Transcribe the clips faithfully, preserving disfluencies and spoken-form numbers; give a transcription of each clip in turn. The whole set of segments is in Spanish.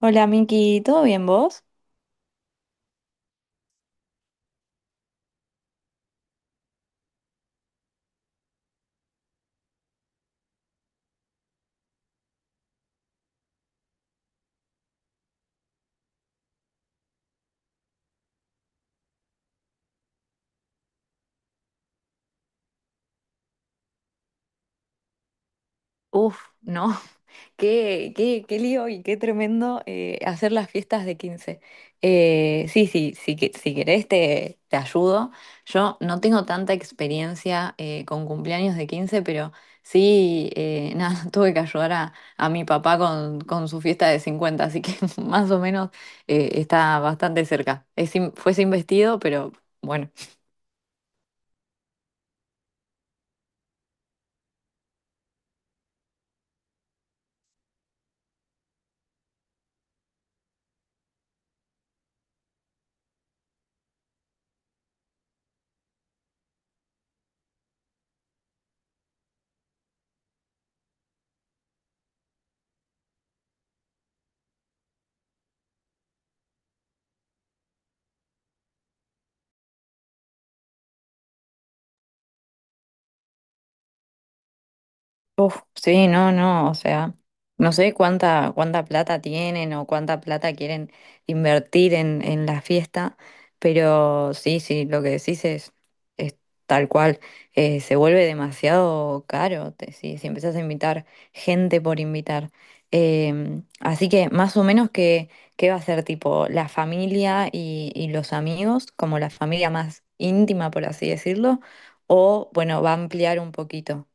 Hola Miki, ¿todo bien vos? Uf, no, qué, qué, qué lío y qué tremendo eh, hacer las fiestas de quince. Eh, sí, sí, sí, que- si querés te, te ayudo. Yo no tengo tanta experiencia eh, con cumpleaños de quince, pero sí, eh, nada, tuve que ayudar a, a mi papá con, con su fiesta de cincuenta, así que más o menos eh, está bastante cerca. Es, in- fue sin vestido, pero bueno. Uf, sí, no, no, o sea, no sé cuánta, cuánta plata tienen o cuánta plata quieren invertir en, en la fiesta, pero sí, sí, lo que decís es, es tal cual, eh, se vuelve demasiado caro te- si, si empezás a invitar gente por invitar. Em, así que más o menos que, ¿qué va a ser tipo la familia y, y los amigos, como la familia más íntima, por así decirlo, o bueno, va a ampliar un poquito.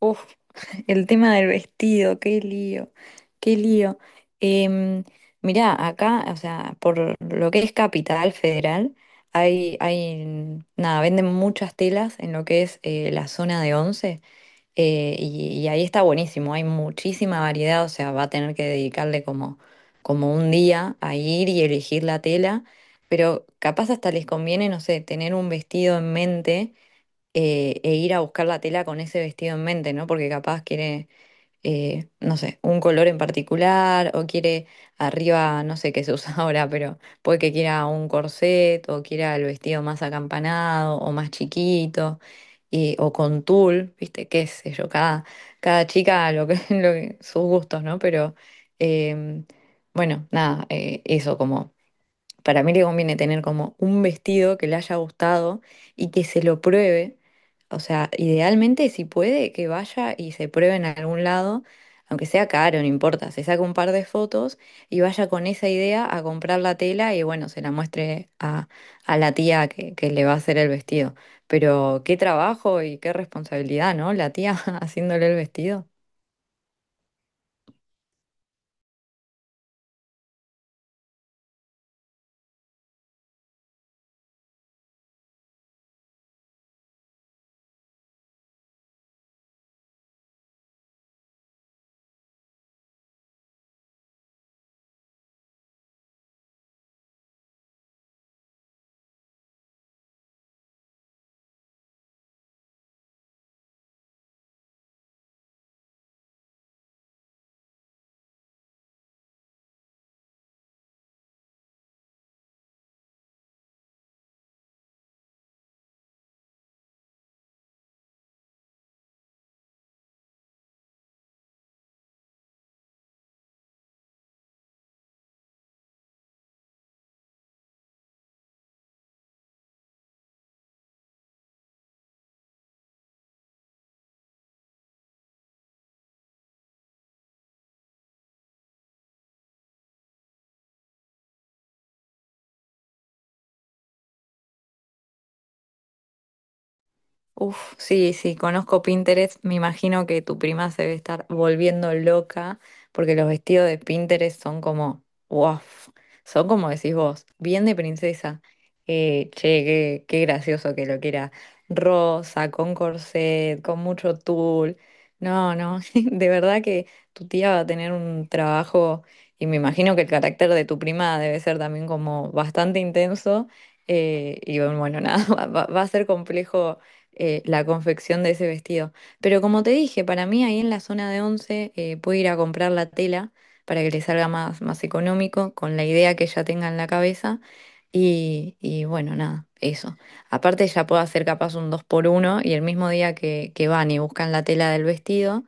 Uf, el tema del vestido, qué lío, qué lío. Em, Mirá, acá, o sea, por lo que es Capital Federal, hay, hay, nada, venden muchas telas en lo que es eh, la zona de Once, eh, y, y ahí está buenísimo, hay muchísima variedad, o sea, va a tener que dedicarle como, como un día a ir y elegir la tela, pero capaz hasta les conviene, no sé, tener un vestido en mente eh, e ir a buscar la tela con ese vestido en mente, ¿no? Porque capaz quiere, eh, no sé, un color en particular o quiere arriba, no sé qué se usa ahora, pero puede que quiera un corset o quiera el vestido más acampanado o más chiquito y- o con tul, ¿viste? Qué sé yo, cada, cada chica lo que, lo que- sus gustos, ¿no? Pero em, bueno, nada, eh, eso como... Para mí le conviene tener como un vestido que le haya gustado y que se lo pruebe. O sea, idealmente si puede que vaya y se pruebe en algún lado, aunque sea caro, no importa, se saca un par de fotos y vaya con esa idea a comprar la tela y bueno, se la muestre a, a la tía que, que le va a hacer el vestido. Pero qué trabajo y qué responsabilidad, ¿no? La tía haciéndole el vestido. Uf, sí, sí, conozco Pinterest. Me imagino que tu prima se debe estar volviendo loca porque los vestidos de Pinterest son como, wow, son como decís vos, bien de princesa. Eh, che, qué, qué gracioso que lo quiera. Rosa, con corset, con mucho tul. No, no, de verdad que tu tía va a tener un trabajo y me imagino que el carácter de tu prima debe ser también como bastante intenso. Eh, y bueno, nada, va va- va a ser complejo eh, la confección de ese vestido. Pero como te dije, para mí ahí en la zona de Once eh, puedo ir a comprar la tela para que le salga más, más económico, con la idea que ella tenga en la cabeza. Y, y bueno, nada, eso. Aparte ya puedo hacer capaz un dos por uno y el mismo día que, que van y buscan la tela del vestido,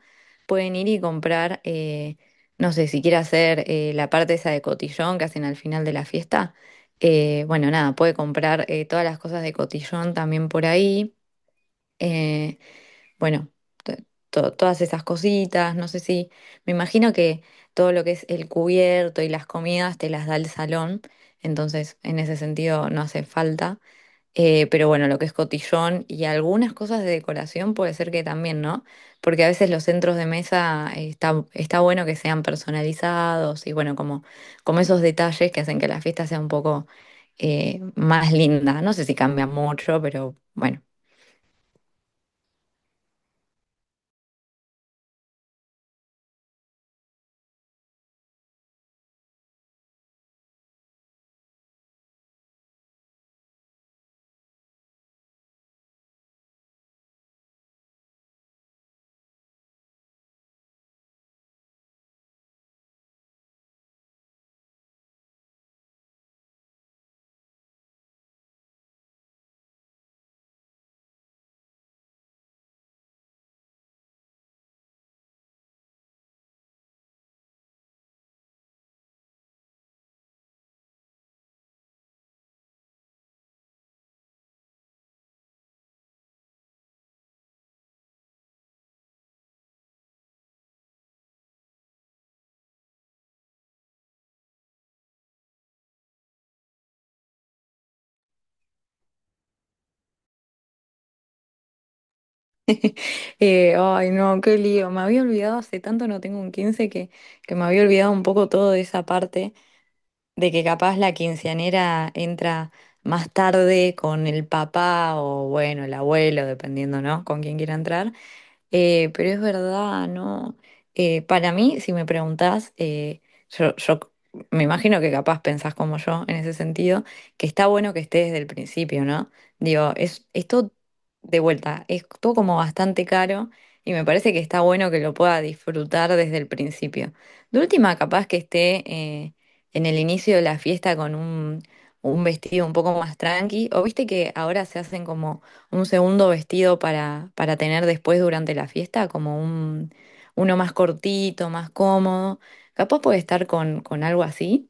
pueden ir y comprar, eh, no sé, si quiere hacer eh, la parte esa de cotillón que hacen al final de la fiesta. Eh, bueno, nada, puede comprar eh, todas las cosas de cotillón también por ahí. Eh, bueno, to- to- todas esas cositas, no sé si, me imagino que todo lo que es el cubierto y las comidas te las da el salón, entonces en ese sentido no hace falta. Eh, pero bueno, lo que es cotillón y algunas cosas de decoración puede ser que también, ¿no? Porque a veces los centros de mesa eh, está, está bueno que sean personalizados y bueno, como, como esos detalles que hacen que la fiesta sea un poco eh, más linda. No sé si cambia mucho, pero bueno. Eh, ay, no, qué lío. Me había olvidado, hace tanto no tengo un quince que, que me había olvidado un poco todo de esa parte, de que capaz la quinceañera entra más tarde con el papá o bueno, el abuelo, dependiendo, ¿no? Con quién quiera entrar. Eh, pero es verdad, ¿no? Eh, para mí, si me preguntás, eh, yo, yo c- me imagino que capaz pensás como yo en ese sentido, que está bueno que esté desde el principio, ¿no? Digo, es, es todo de vuelta, es todo como bastante caro y me parece que está bueno que lo pueda disfrutar desde el principio. De última, capaz que esté eh, en el inicio de la fiesta con un, un vestido un poco más tranqui, o viste que ahora se hacen como un segundo vestido para, para tener después durante la fiesta, como un, uno más cortito, más cómodo. Capaz puede estar con, con algo así,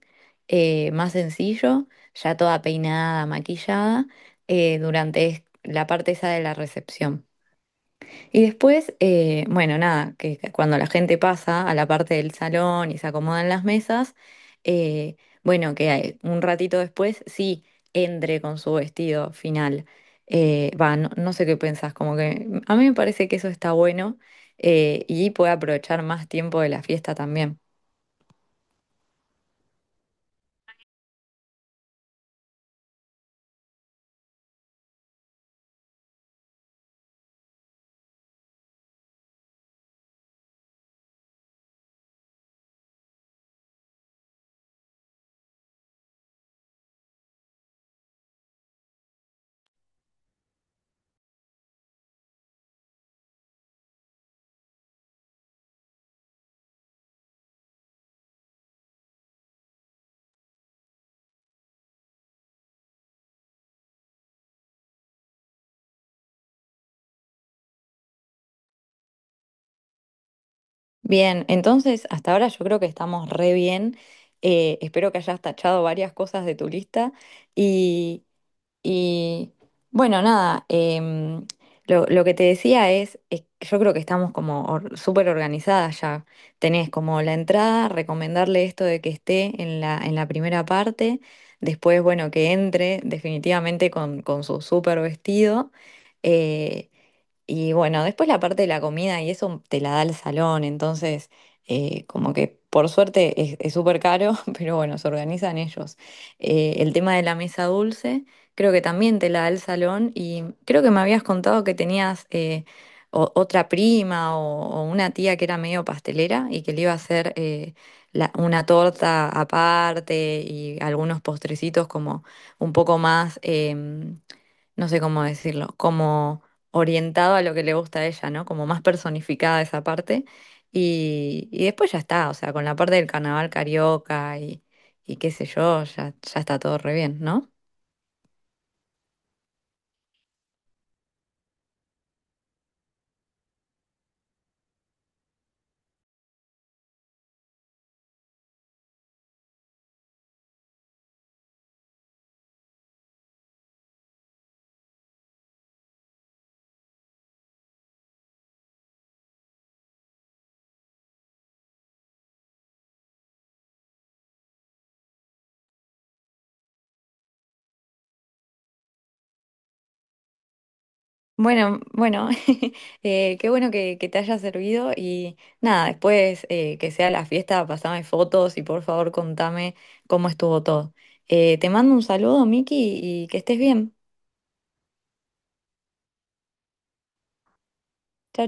eh, más sencillo, ya toda peinada, maquillada, eh, durante es- la parte esa de la recepción. Y después, eh, bueno, nada, que que cuando la gente pasa a la parte del salón y se acomodan las mesas, eh, bueno, que hay- un ratito después sí entre con su vestido final. Eh, va, no, no sé qué pensás, como que a mí me parece que eso está bueno eh, y puede aprovechar más tiempo de la fiesta también. Bien, entonces hasta ahora yo creo que estamos re bien. Eh, espero que hayas tachado varias cosas de tu lista. Y bueno, nada, em, lo, lo que te decía es, es que yo creo que estamos como or- súper organizadas ya. Tenés como la entrada, recomendarle esto de que esté en la, en la primera parte, después, bueno, que entre definitivamente con, con su súper vestido. Eh, y bueno, después la parte de la comida y eso te la da el salón, entonces eh, como que por suerte es es súper caro, pero bueno, se organizan ellos. Eh, el tema de la mesa dulce, creo que también te la da el salón y creo que me habías contado que tenías eh, o- otra prima o, o una tía que era medio pastelera y que le iba a hacer eh, la- una torta aparte y algunos postrecitos como un poco más, em, no sé cómo decirlo, como orientado a lo que le gusta a ella, ¿no? Como más personificada esa parte. Y, y después ya está, o sea, con la parte del carnaval carioca y, y qué sé yo, ya, ya está todo re bien, ¿no? Bueno, bueno, eh, qué bueno que, que te haya servido y nada, después eh, que sea la fiesta, pasame fotos y por favor contame cómo estuvo todo. Eh, te mando un saludo, Miki, y que estés bien. Chao,